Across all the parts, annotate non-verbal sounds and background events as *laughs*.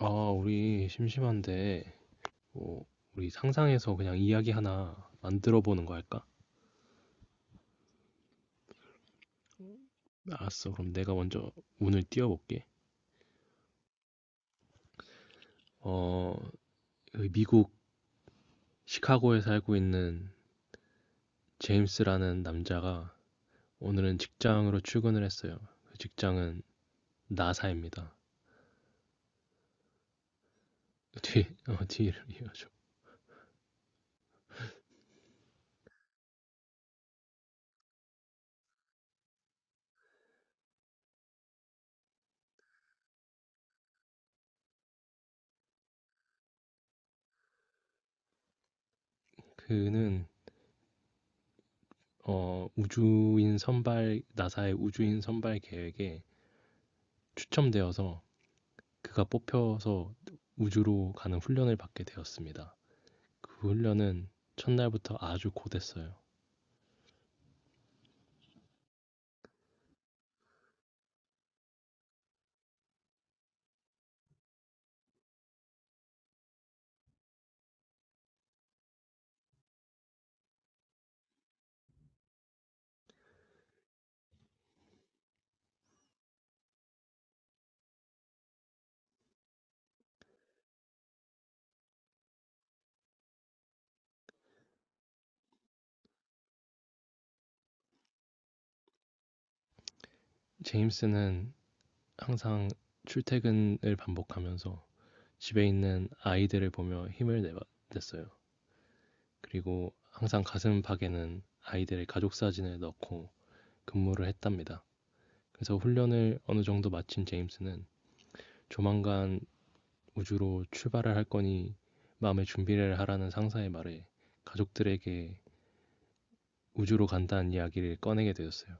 아, 우리 심심한데, 뭐, 우리 상상해서 그냥 이야기 하나 만들어 보는 거 할까? 알았어. 그럼 내가 먼저 운을 띄워볼게. 어, 그 미국 시카고에 살고 있는 제임스라는 남자가 오늘은 직장으로 출근을 했어요. 그 직장은 나사입니다. *laughs* 뒤, 뒤를 이어줘. *laughs* 그는, 우주인 선발, 나사의 우주인 선발 계획에 추첨되어서 그가 뽑혀서 우주로 가는 훈련을 받게 되었습니다. 그 훈련은 첫날부터 아주 고됐어요. 제임스는 항상 출퇴근을 반복하면서 집에 있는 아이들을 보며 냈어요. 그리고 항상 가슴팍에는 아이들의 가족 사진을 넣고 근무를 했답니다. 그래서 훈련을 어느 정도 마친 제임스는 조만간 우주로 출발을 할 거니 마음의 준비를 하라는 상사의 말에 가족들에게 우주로 간다는 이야기를 꺼내게 되었어요.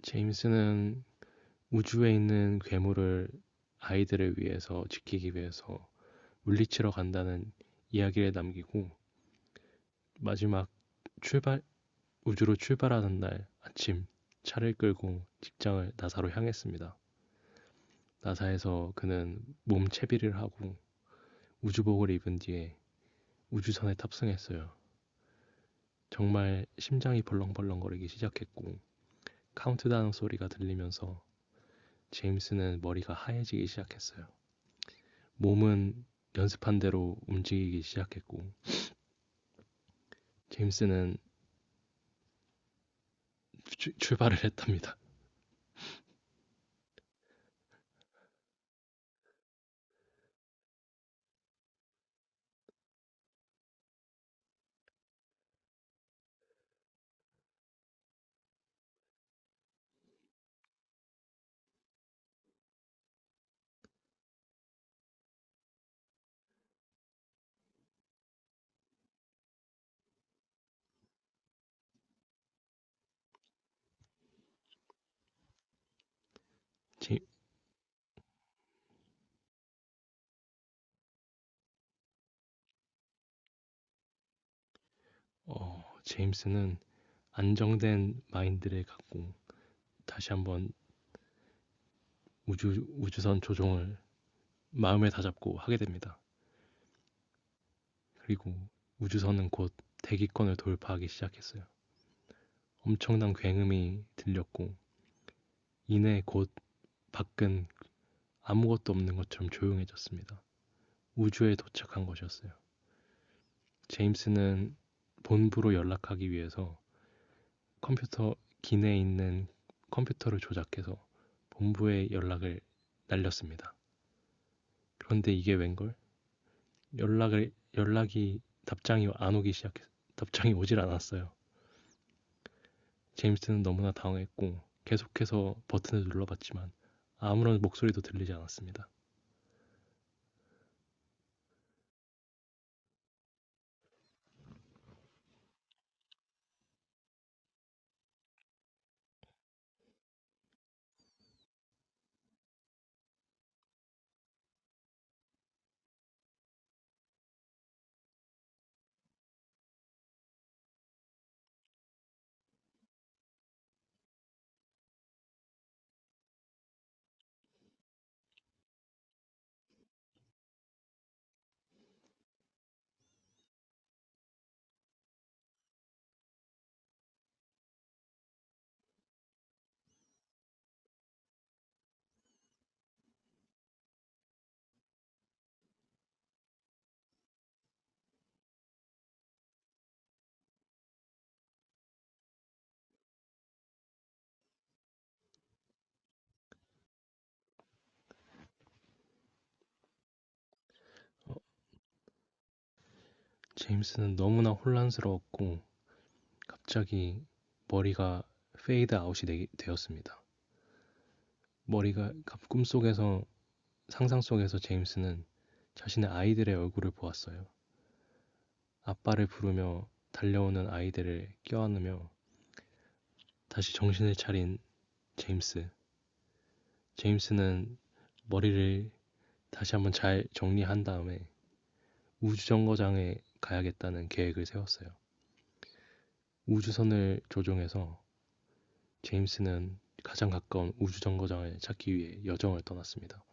제임스는 우주에 있는 괴물을 아이들을 위해서 지키기 위해서 물리치러 간다는 이야기를 남기고 마지막 출발 우주로 출발하는 날 아침 차를 끌고 직장을 나사로 향했습니다. 나사에서 그는 몸 채비를 하고 우주복을 입은 뒤에 우주선에 탑승했어요. 정말 심장이 벌렁벌렁거리기 시작했고 카운트다운 소리가 들리면서 제임스는 머리가 하얘지기 시작했어요. 몸은 연습한 대로 움직이기 시작했고 제임스는 출발을 했답니다. 제, 제임스는 안정된 마인드를 갖고 다시 한번 우주선 조종을 마음에 다잡고 하게 됩니다. 그리고 우주선은 곧 대기권을 돌파하기 시작했어요. 엄청난 굉음이 들렸고 이내 곧 밖은 아무것도 없는 것처럼 조용해졌습니다. 우주에 도착한 것이었어요. 제임스는 본부로 연락하기 위해서 컴퓨터 기내에 있는 컴퓨터를 조작해서 본부에 연락을 날렸습니다. 그런데 이게 웬걸? 연락을 연락이 답장이 안 오기 시작했 답장이 오질 않았어요. 제임스는 너무나 당황했고 계속해서 버튼을 눌러봤지만 아무런 목소리도 들리지 않았습니다. 어, 제임스는 너무나 혼란스러웠고 갑자기 머리가 었습니다 머리가 꿈속에서 상상 속에서 제임스는 자신의 아이들의 얼굴을 보았어요. 아빠를 부르며 달려오는 아이들을 껴안으며 다시 정신을 차린 제임스. 제임스는 머리를 다시 한번 잘 정리한 다음에 우주정거장에 가야겠다는 계획을 세웠어요. 우주선을 조종해서 제임스는 가장 가까운 우주정거장을 찾기 위해 여정을 떠났습니다.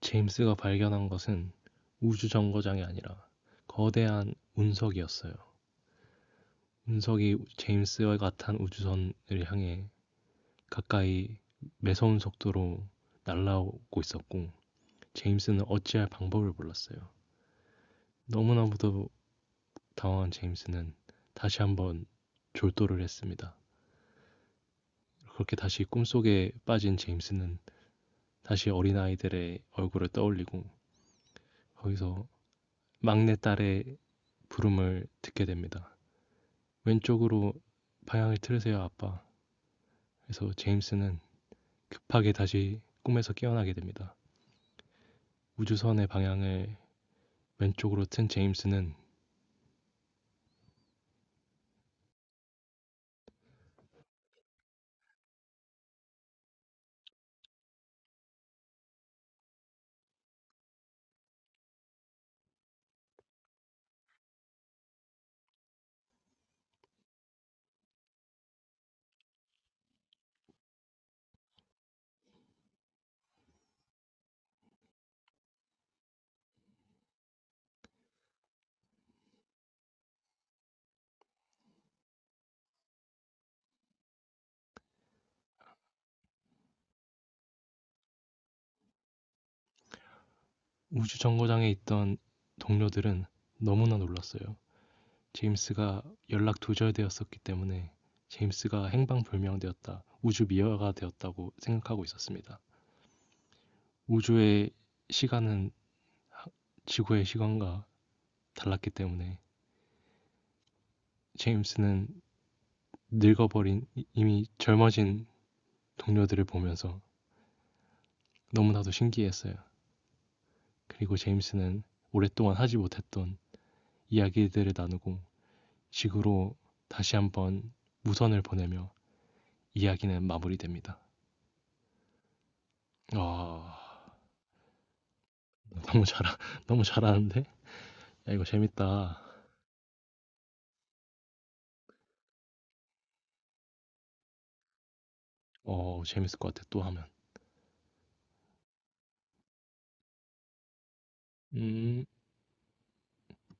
제임스가 발견한 것은 우주정거장이 아니라 거대한 운석이었어요. 운석이 제임스와 같은 우주선을 향해 가까이 매서운 속도로 날아오고 있었고 제임스는 어찌할 방법을 몰랐어요. 너무나도 당황한 제임스는 다시 한번 졸도를 했습니다. 그렇게 다시 꿈속에 빠진 제임스는 다시 어린아이들의 얼굴을 떠올리고 거기서 막내딸의 부름을 듣게 됩니다. 왼쪽으로 방향을 틀으세요, 아빠. 그래서 제임스는 급하게 다시 꿈에서 깨어나게 됩니다. 우주선의 방향을 왼쪽으로 튼 제임스는 우주 정거장에 있던 동료들은 너무나 놀랐어요. 제임스가 연락 두절되었었기 때문에 제임스가 행방불명되었다, 우주 미화가 되었다고 생각하고 있었습니다. 우주의 시간은 지구의 시간과 달랐기 때문에 제임스는 이미 젊어진 동료들을 보면서 너무나도 신기했어요. 그리고 제임스는 오랫동안 하지 못했던 이야기들을 나누고 식으로 다시 한번 무선을 보내며 이야기는 마무리됩니다. 아 너무 잘 너무 잘하는데 야, 이거 재밌다. 어 재밌을 것 같아 또 하면. 음.